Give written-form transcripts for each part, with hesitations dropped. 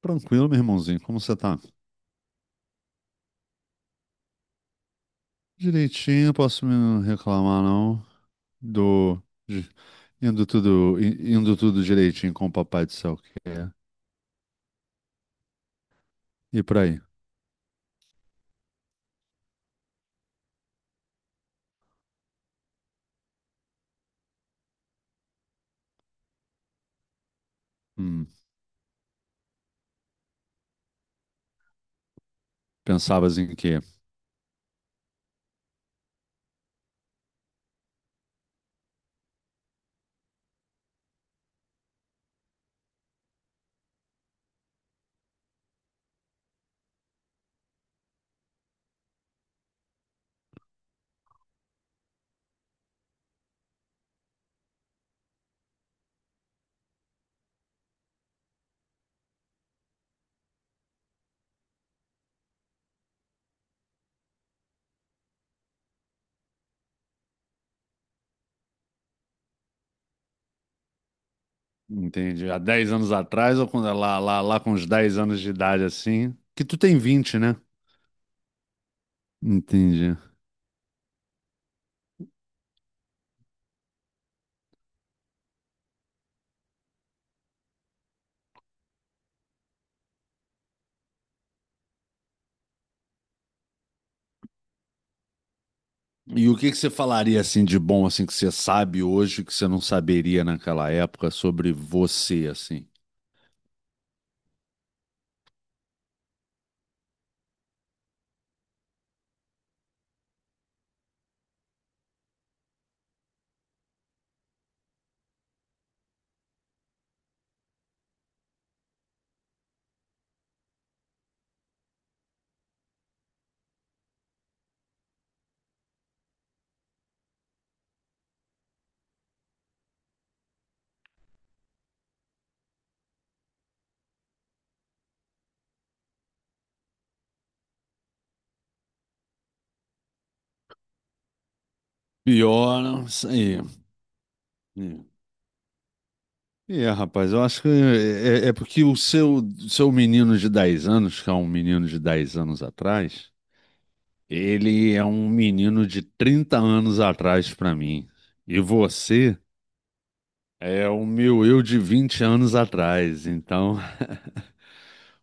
Tranquilo, meu irmãozinho. Como você tá? Direitinho, posso me reclamar, não? Do. de- indo tudo direitinho com o papai do céu que é. E por aí? Hum, pensavas em quê? Entendi. Há 10 anos atrás ou quando, lá com uns 10 anos de idade assim? Que tu tem 20, né? Entendi. E o que que você falaria assim de bom assim que você sabe hoje que você não saberia naquela época sobre você assim? Pior, não sei. Hum. E é, rapaz, eu acho que é porque o seu menino de 10 anos, que é um menino de 10 anos atrás, ele é um menino de 30 anos atrás pra mim. E você é o meu eu de 20 anos atrás. Então,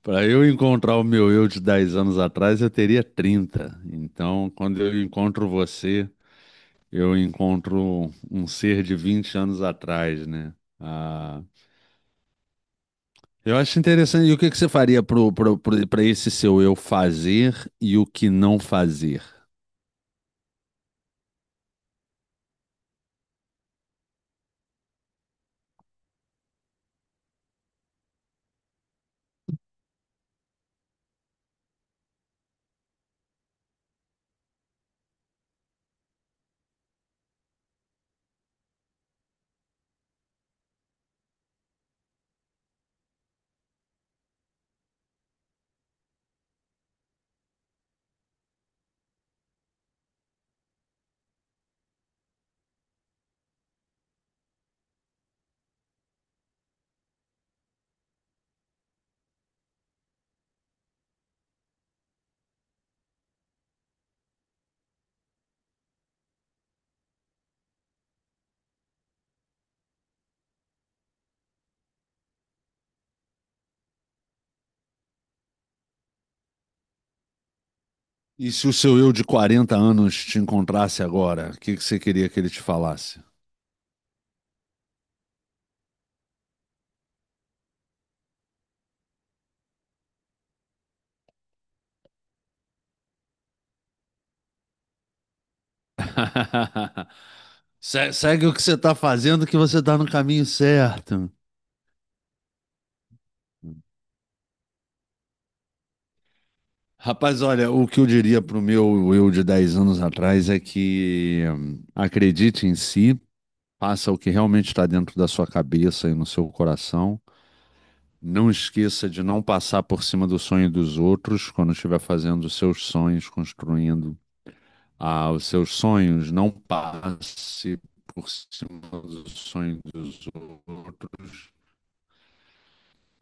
pra eu encontrar o meu eu de 10 anos atrás, eu teria 30. Então, quando eu encontro você, eu encontro um ser de 20 anos atrás, né? Ah, eu acho interessante. E o que que você faria para esse seu eu fazer e o que não fazer? E se o seu eu de 40 anos te encontrasse agora, o que que você queria que ele te falasse? Segue o que você está fazendo, que você está no caminho certo. Rapaz, olha, o que eu diria pro meu eu de 10 anos atrás é que acredite em si, faça o que realmente está dentro da sua cabeça e no seu coração. Não esqueça de não passar por cima do sonho dos outros quando estiver fazendo os seus sonhos, construindo os seus sonhos. Não passe por cima do sonho dos outros.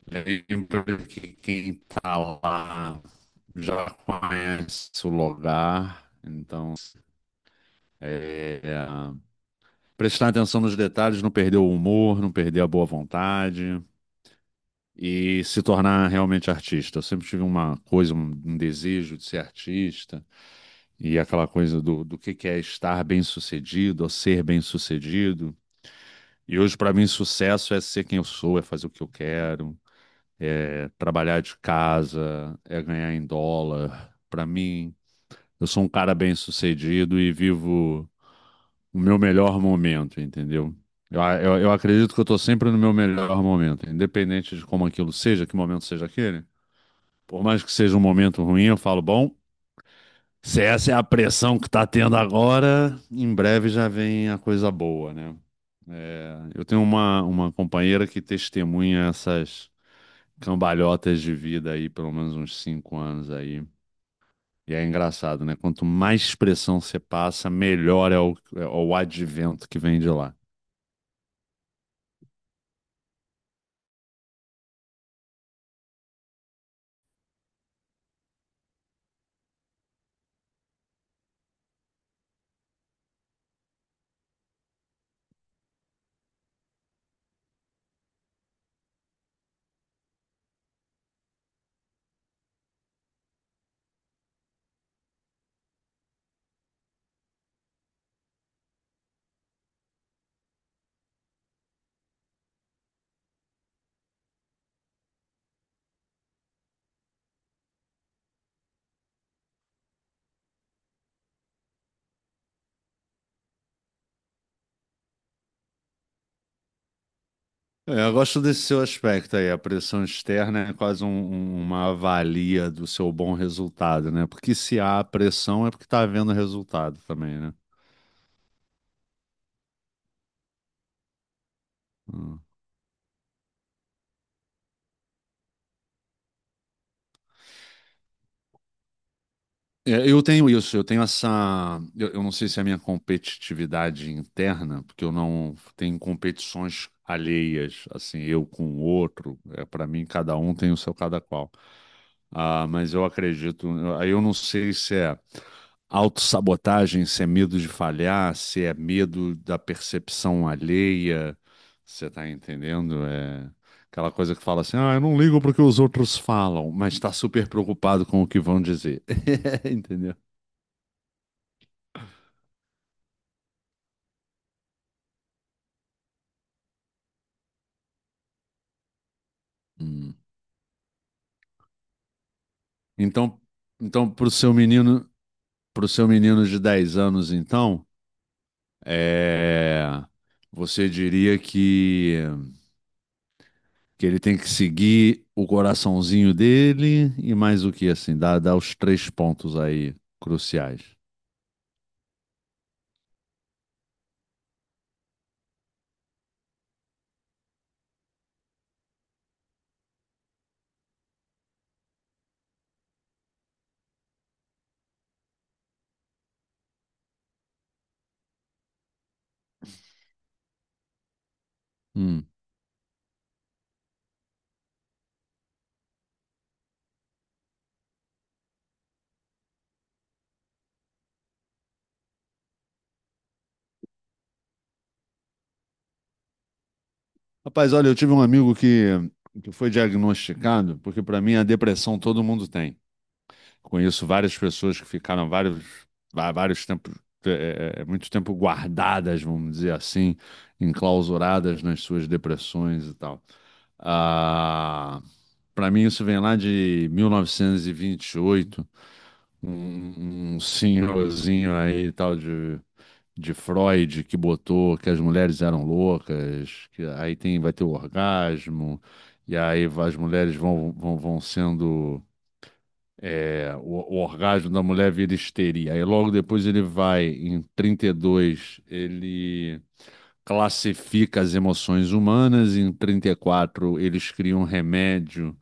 Lembra que quem está lá já conhece o lugar. Então, prestar atenção nos detalhes, não perder o humor, não perder a boa vontade e se tornar realmente artista. Eu sempre tive uma coisa, um desejo de ser artista. E aquela coisa do que é estar bem-sucedido ou ser bem-sucedido. E hoje, para mim, sucesso é ser quem eu sou, é fazer o que eu quero, é trabalhar de casa, é ganhar em dólar. Para mim, eu sou um cara bem-sucedido e vivo o meu melhor momento, entendeu? Eu acredito que eu estou sempre no meu melhor momento, independente de como aquilo seja, que momento seja aquele. Por mais que seja um momento ruim, eu falo, bom, se essa é a pressão que tá tendo agora, em breve já vem a coisa boa, né? É, eu tenho uma companheira que testemunha essas cambalhotas de vida aí, pelo menos uns 5 anos aí. E é engraçado, né? Quanto mais pressão você passa, melhor é o advento que vem de lá. É, eu gosto desse seu aspecto aí, a pressão externa é quase uma avalia do seu bom resultado, né? Porque se há pressão é porque está havendo resultado também, né? Hum. É, eu tenho isso, eu tenho essa. Eu não sei se é a minha competitividade interna, porque eu não tenho competições alheias, assim, eu com o outro. É, para mim, cada um tem o seu cada qual. Ah, mas eu acredito. Aí eu não sei se é autossabotagem, se é medo de falhar, se é medo da percepção alheia. Você tá entendendo? É aquela coisa que fala assim: ah, eu não ligo pro que os outros falam, mas está super preocupado com o que vão dizer. Entendeu? Hum. Então, então, pro seu menino de 10 anos, então, é, você diria que ele tem que seguir o coraçãozinho dele e mais o que assim, dá os 3 pontos aí cruciais. Hum. Rapaz, olha, eu tive um amigo que foi diagnosticado, porque para mim a depressão todo mundo tem. Conheço várias pessoas que ficaram vários tempos, muito tempo guardadas, vamos dizer assim, enclausuradas nas suas depressões e tal. Ah, para mim isso vem lá de mil novecentos e vinte e oito. Um senhorzinho aí, tal de Freud, que botou que as mulheres eram loucas, que aí tem, vai ter o orgasmo, e aí as mulheres vão sendo. O orgasmo da mulher vira histeria. Aí logo depois ele vai, em 32 ele. Classifica as emoções humanas, em 34 eles criam um remédio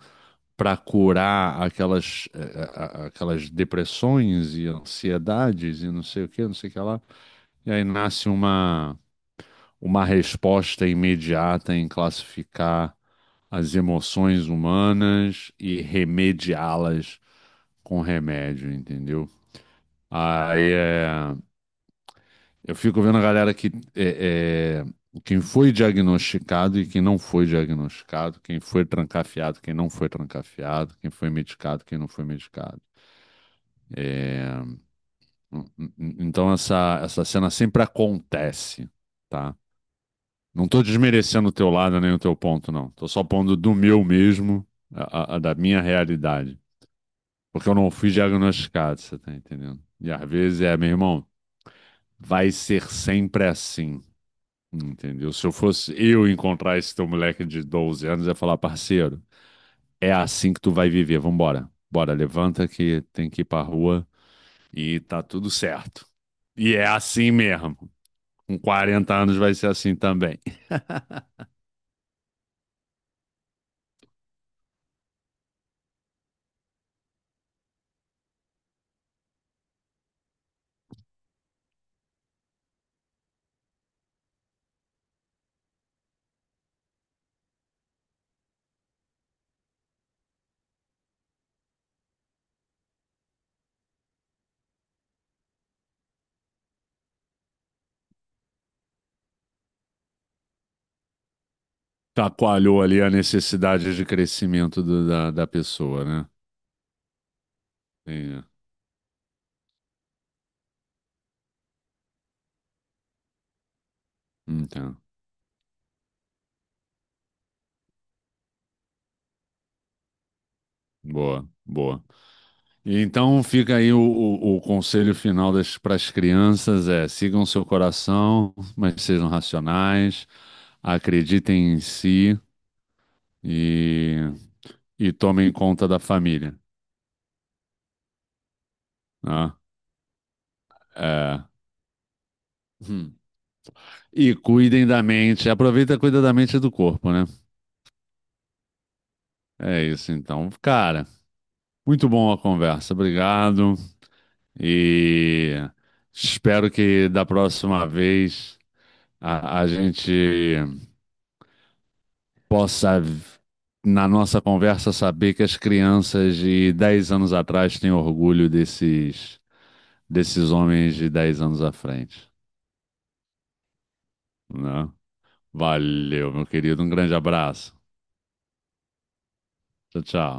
para curar aquelas, eh, eh, a- aquelas depressões e ansiedades e não sei o que, não sei o que lá. E aí nasce uma resposta imediata em classificar as emoções humanas e remediá-las com remédio, entendeu? Aí, eu fico vendo a galera que é, quem foi diagnosticado e quem não foi diagnosticado, quem foi trancafiado, quem não foi trancafiado, quem foi medicado, quem não foi medicado. Então essa cena sempre acontece, tá? Não tô desmerecendo o teu lado nem o teu ponto, não. Tô só pondo do meu mesmo, a da minha realidade. Porque eu não fui diagnosticado, você tá entendendo? E às vezes meu irmão, vai ser sempre assim, entendeu? Se eu fosse eu encontrar esse teu moleque de 12 anos, eu ia falar, parceiro, é assim que tu vai viver, vambora. Bora, levanta que tem que ir pra rua e tá tudo certo. E é assim mesmo. Com 40 anos vai ser assim também. Chacoalhou ali a necessidade de crescimento da pessoa, né? Entendi. Então, boa, boa. E então fica aí o conselho final para as crianças é sigam seu coração, mas sejam racionais, acreditem em si e, e tomem conta da família, né? É. Hum. E cuidem da mente, aproveita e cuida da mente e do corpo, né? É isso então, cara. Muito bom a conversa, obrigado. E espero que da próxima vez a gente possa, na nossa conversa, saber que as crianças de 10 anos atrás têm orgulho desses homens de 10 anos à frente, né? Valeu, meu querido. Um grande abraço. Tchau, tchau.